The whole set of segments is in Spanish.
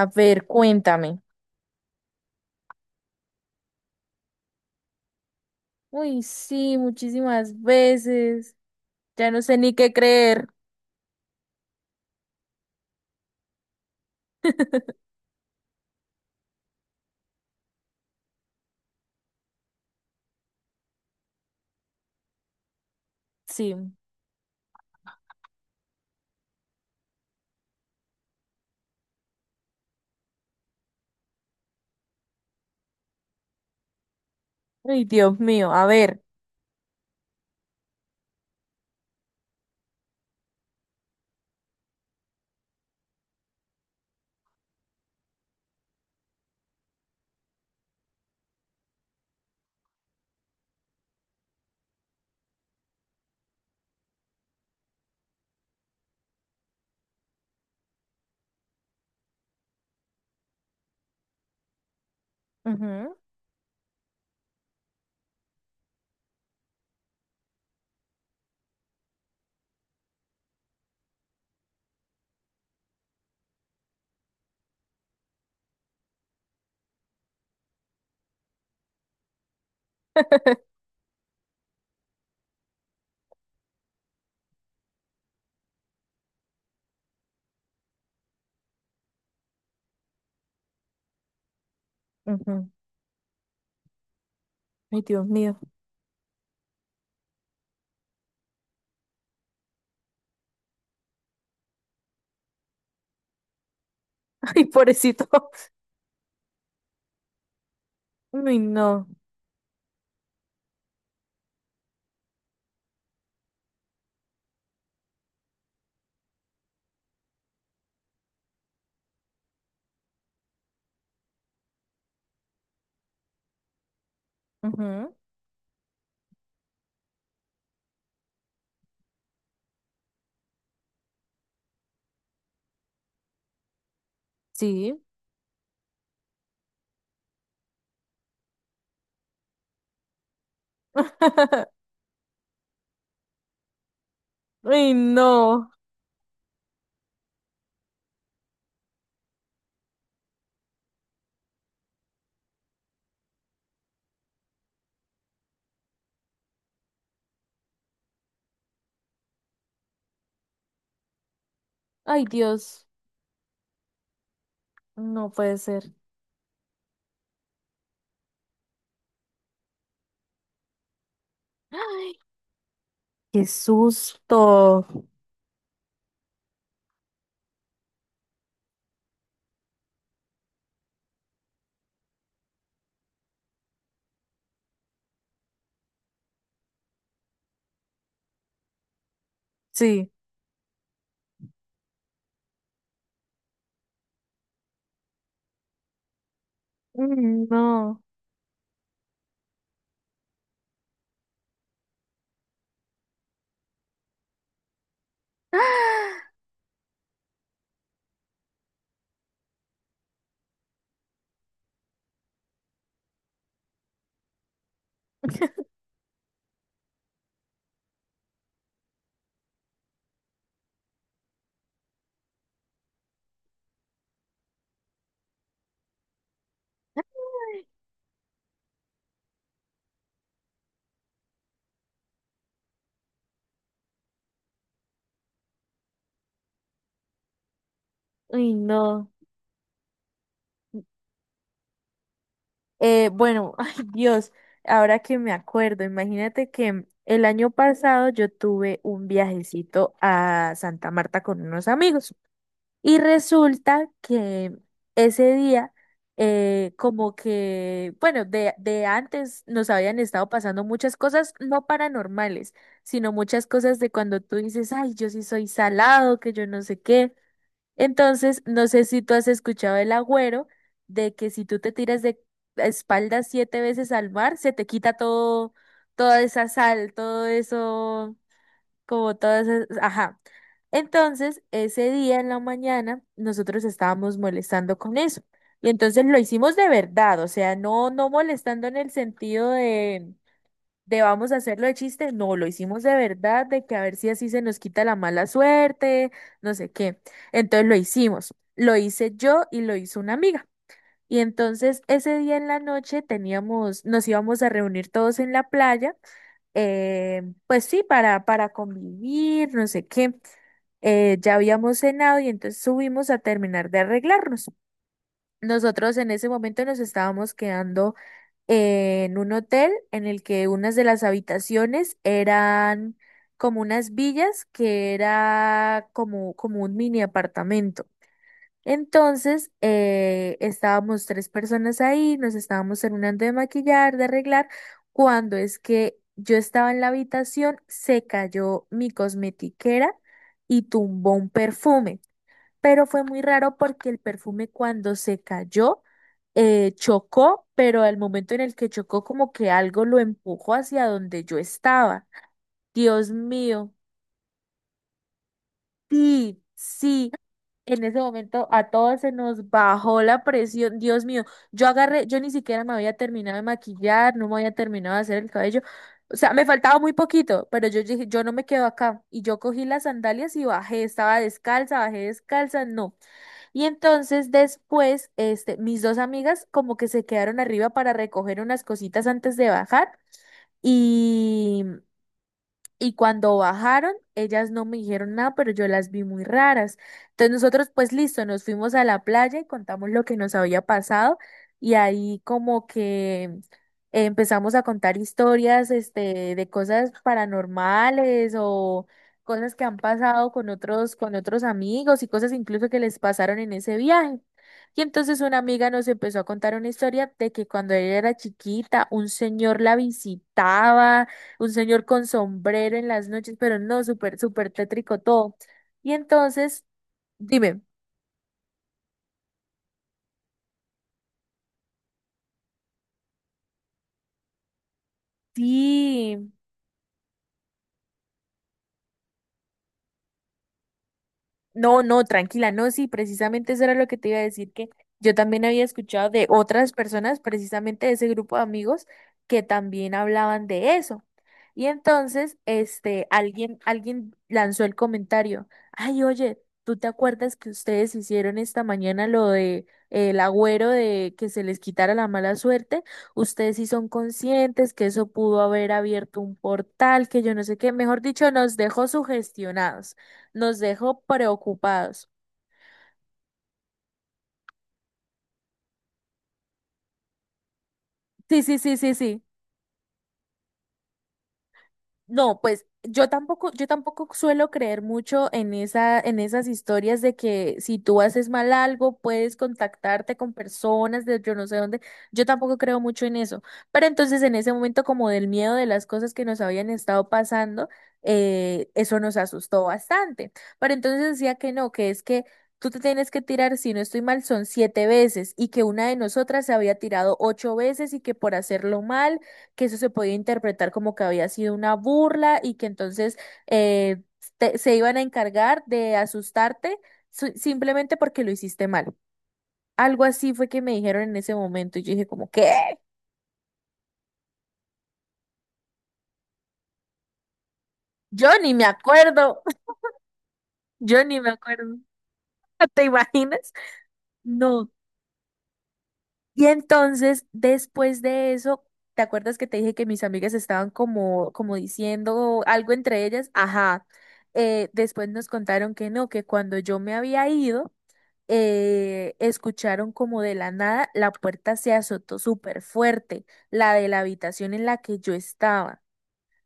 A ver, cuéntame. Uy, sí, muchísimas veces. Ya no sé ni qué creer. Sí. Ay, Dios mío, a ver. Ujú, ujú. Ay, Dios mío. Ay, pobrecito. Uy, no. Ujú. Sí. Uy, no. Ay, Dios. No puede ser. Ay, qué susto. Sí. Uy, no. Uy, no. Bueno, ay Dios, ahora que me acuerdo, imagínate que el año pasado yo tuve un viajecito a Santa Marta con unos amigos y resulta que ese día, como que, bueno, de antes nos habían estado pasando muchas cosas no paranormales, sino muchas cosas de cuando tú dices, ay, yo sí soy salado, que yo no sé qué. Entonces, no sé si tú has escuchado el agüero de que si tú te tiras de espaldas siete veces al mar, se te quita todo, toda esa sal, todo eso, como todas esas, ajá. Entonces, ese día en la mañana, nosotros estábamos molestando con eso. Y entonces lo hicimos de verdad, o sea, no, no molestando en el sentido de vamos a hacerlo de chiste, no, lo hicimos de verdad, de que a ver si así se nos quita la mala suerte, no sé qué. Entonces lo hicimos, lo hice yo y lo hizo una amiga. Y entonces ese día en la noche teníamos, nos íbamos a reunir todos en la playa, pues sí, para convivir, no sé qué. Ya habíamos cenado y entonces subimos a terminar de arreglarnos. Nosotros en ese momento nos estábamos quedando en un hotel en el que unas de las habitaciones eran como unas villas que era como, un mini apartamento. Entonces, estábamos tres personas ahí, nos estábamos terminando de maquillar, de arreglar, cuando es que yo estaba en la habitación, se cayó mi cosmetiquera y tumbó un perfume, pero fue muy raro, porque el perfume cuando se cayó chocó, pero al momento en el que chocó como que algo lo empujó hacia donde yo estaba. Dios mío, sí, sí. En ese momento a todos se nos bajó la presión. Dios mío, yo agarré, yo ni siquiera me había terminado de maquillar, no me había terminado de hacer el cabello. O sea, me faltaba muy poquito, pero yo dije, yo no me quedo acá. Y yo cogí las sandalias y bajé, estaba descalza, bajé descalza, no. Y entonces después, este, mis dos amigas como que se quedaron arriba para recoger unas cositas antes de bajar. Y cuando bajaron, ellas no me dijeron nada, pero yo las vi muy raras. Entonces nosotros, pues listo, nos fuimos a la playa y contamos lo que nos había pasado, y ahí como que empezamos a contar historias, este, de cosas paranormales o cosas que han pasado con otros, amigos y cosas incluso que les pasaron en ese viaje. Y entonces una amiga nos empezó a contar una historia de que cuando ella era chiquita, un señor la visitaba, un señor con sombrero en las noches, pero no, súper, súper tétrico todo. Y entonces, dime. Sí. No, no, tranquila, no, sí, precisamente eso era lo que te iba a decir, que yo también había escuchado de otras personas, precisamente de ese grupo de amigos, que también hablaban de eso. Y entonces, este, alguien lanzó el comentario, ay, oye, ¿tú te acuerdas que ustedes hicieron esta mañana lo de el agüero de que se les quitara la mala suerte? Ustedes sí son conscientes que eso pudo haber abierto un portal, que yo no sé qué, mejor dicho, nos dejó sugestionados, nos dejó preocupados. Sí, sí, sí, sí, sí. No, pues yo tampoco suelo creer mucho en esa, en esas historias de que si tú haces mal algo, puedes contactarte con personas de yo no sé dónde. Yo tampoco creo mucho en eso. Pero entonces en ese momento, como del miedo de las cosas que nos habían estado pasando, eso nos asustó bastante. Pero entonces decía que no, que es que tú te tienes que tirar, si no estoy mal, son siete veces, y que una de nosotras se había tirado ocho veces, y que por hacerlo mal, que eso se podía interpretar como que había sido una burla, y que entonces eh, se iban a encargar de asustarte, simplemente porque lo hiciste mal. Algo así fue que me dijeron en ese momento, y yo dije como, ¿qué? Yo ni me acuerdo, yo ni me acuerdo, ¿te imaginas? No. Y entonces, después de eso, ¿te acuerdas que te dije que mis amigas estaban como, diciendo algo entre ellas? Ajá. Después nos contaron que no, que cuando yo me había ido, escucharon como de la nada la puerta se azotó súper fuerte, la de la habitación en la que yo estaba,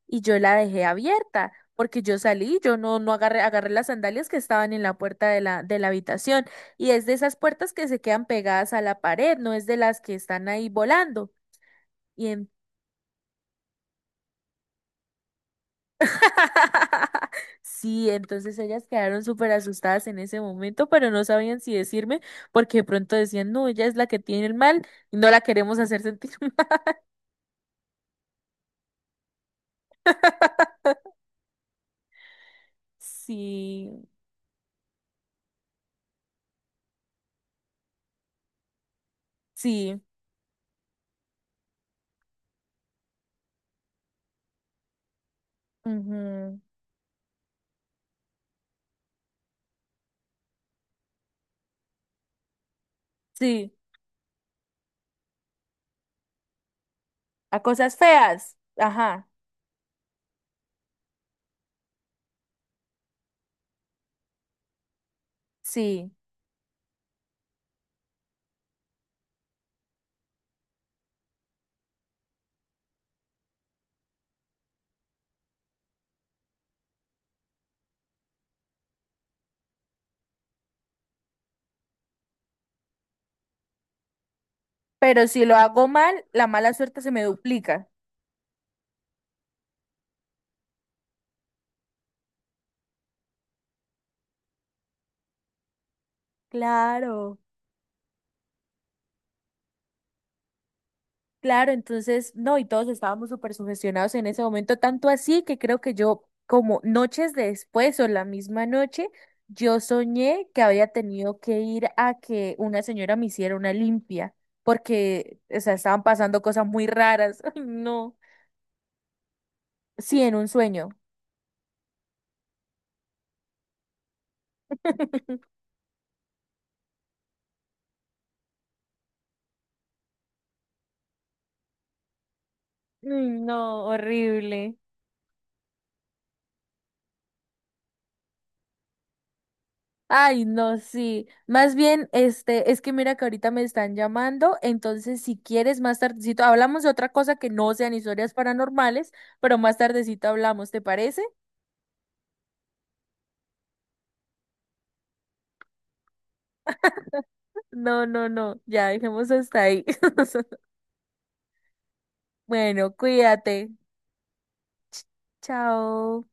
y yo la dejé abierta, porque yo salí, yo no agarré, las sandalias que estaban en la puerta de la, habitación, y es de esas puertas que se quedan pegadas a la pared, no es de las que están ahí volando. Y sí, entonces ellas quedaron súper asustadas en ese momento, pero no sabían si decirme, porque de pronto decían, no, ella es la que tiene el mal y no la queremos hacer sentir mal. Sí, sí, ujú, sí, a cosas feas. Ajá. Sí, pero si lo hago mal, la mala suerte se me duplica. Claro. Claro, entonces, no, y todos estábamos súper sugestionados en ese momento, tanto así que creo que yo, como noches después o la misma noche, yo soñé que había tenido que ir a que una señora me hiciera una limpia, porque, o sea, estaban pasando cosas muy raras. Ay, no. Sí, en un sueño. Ay, no, horrible. Ay, no, sí. Más bien, este, es que mira que ahorita me están llamando, entonces si quieres más tardecito hablamos de otra cosa que no sean historias paranormales, pero más tardecito hablamos, ¿te parece? No, no, no, ya dejemos hasta ahí. Bueno, cuídate. Ch- Chao.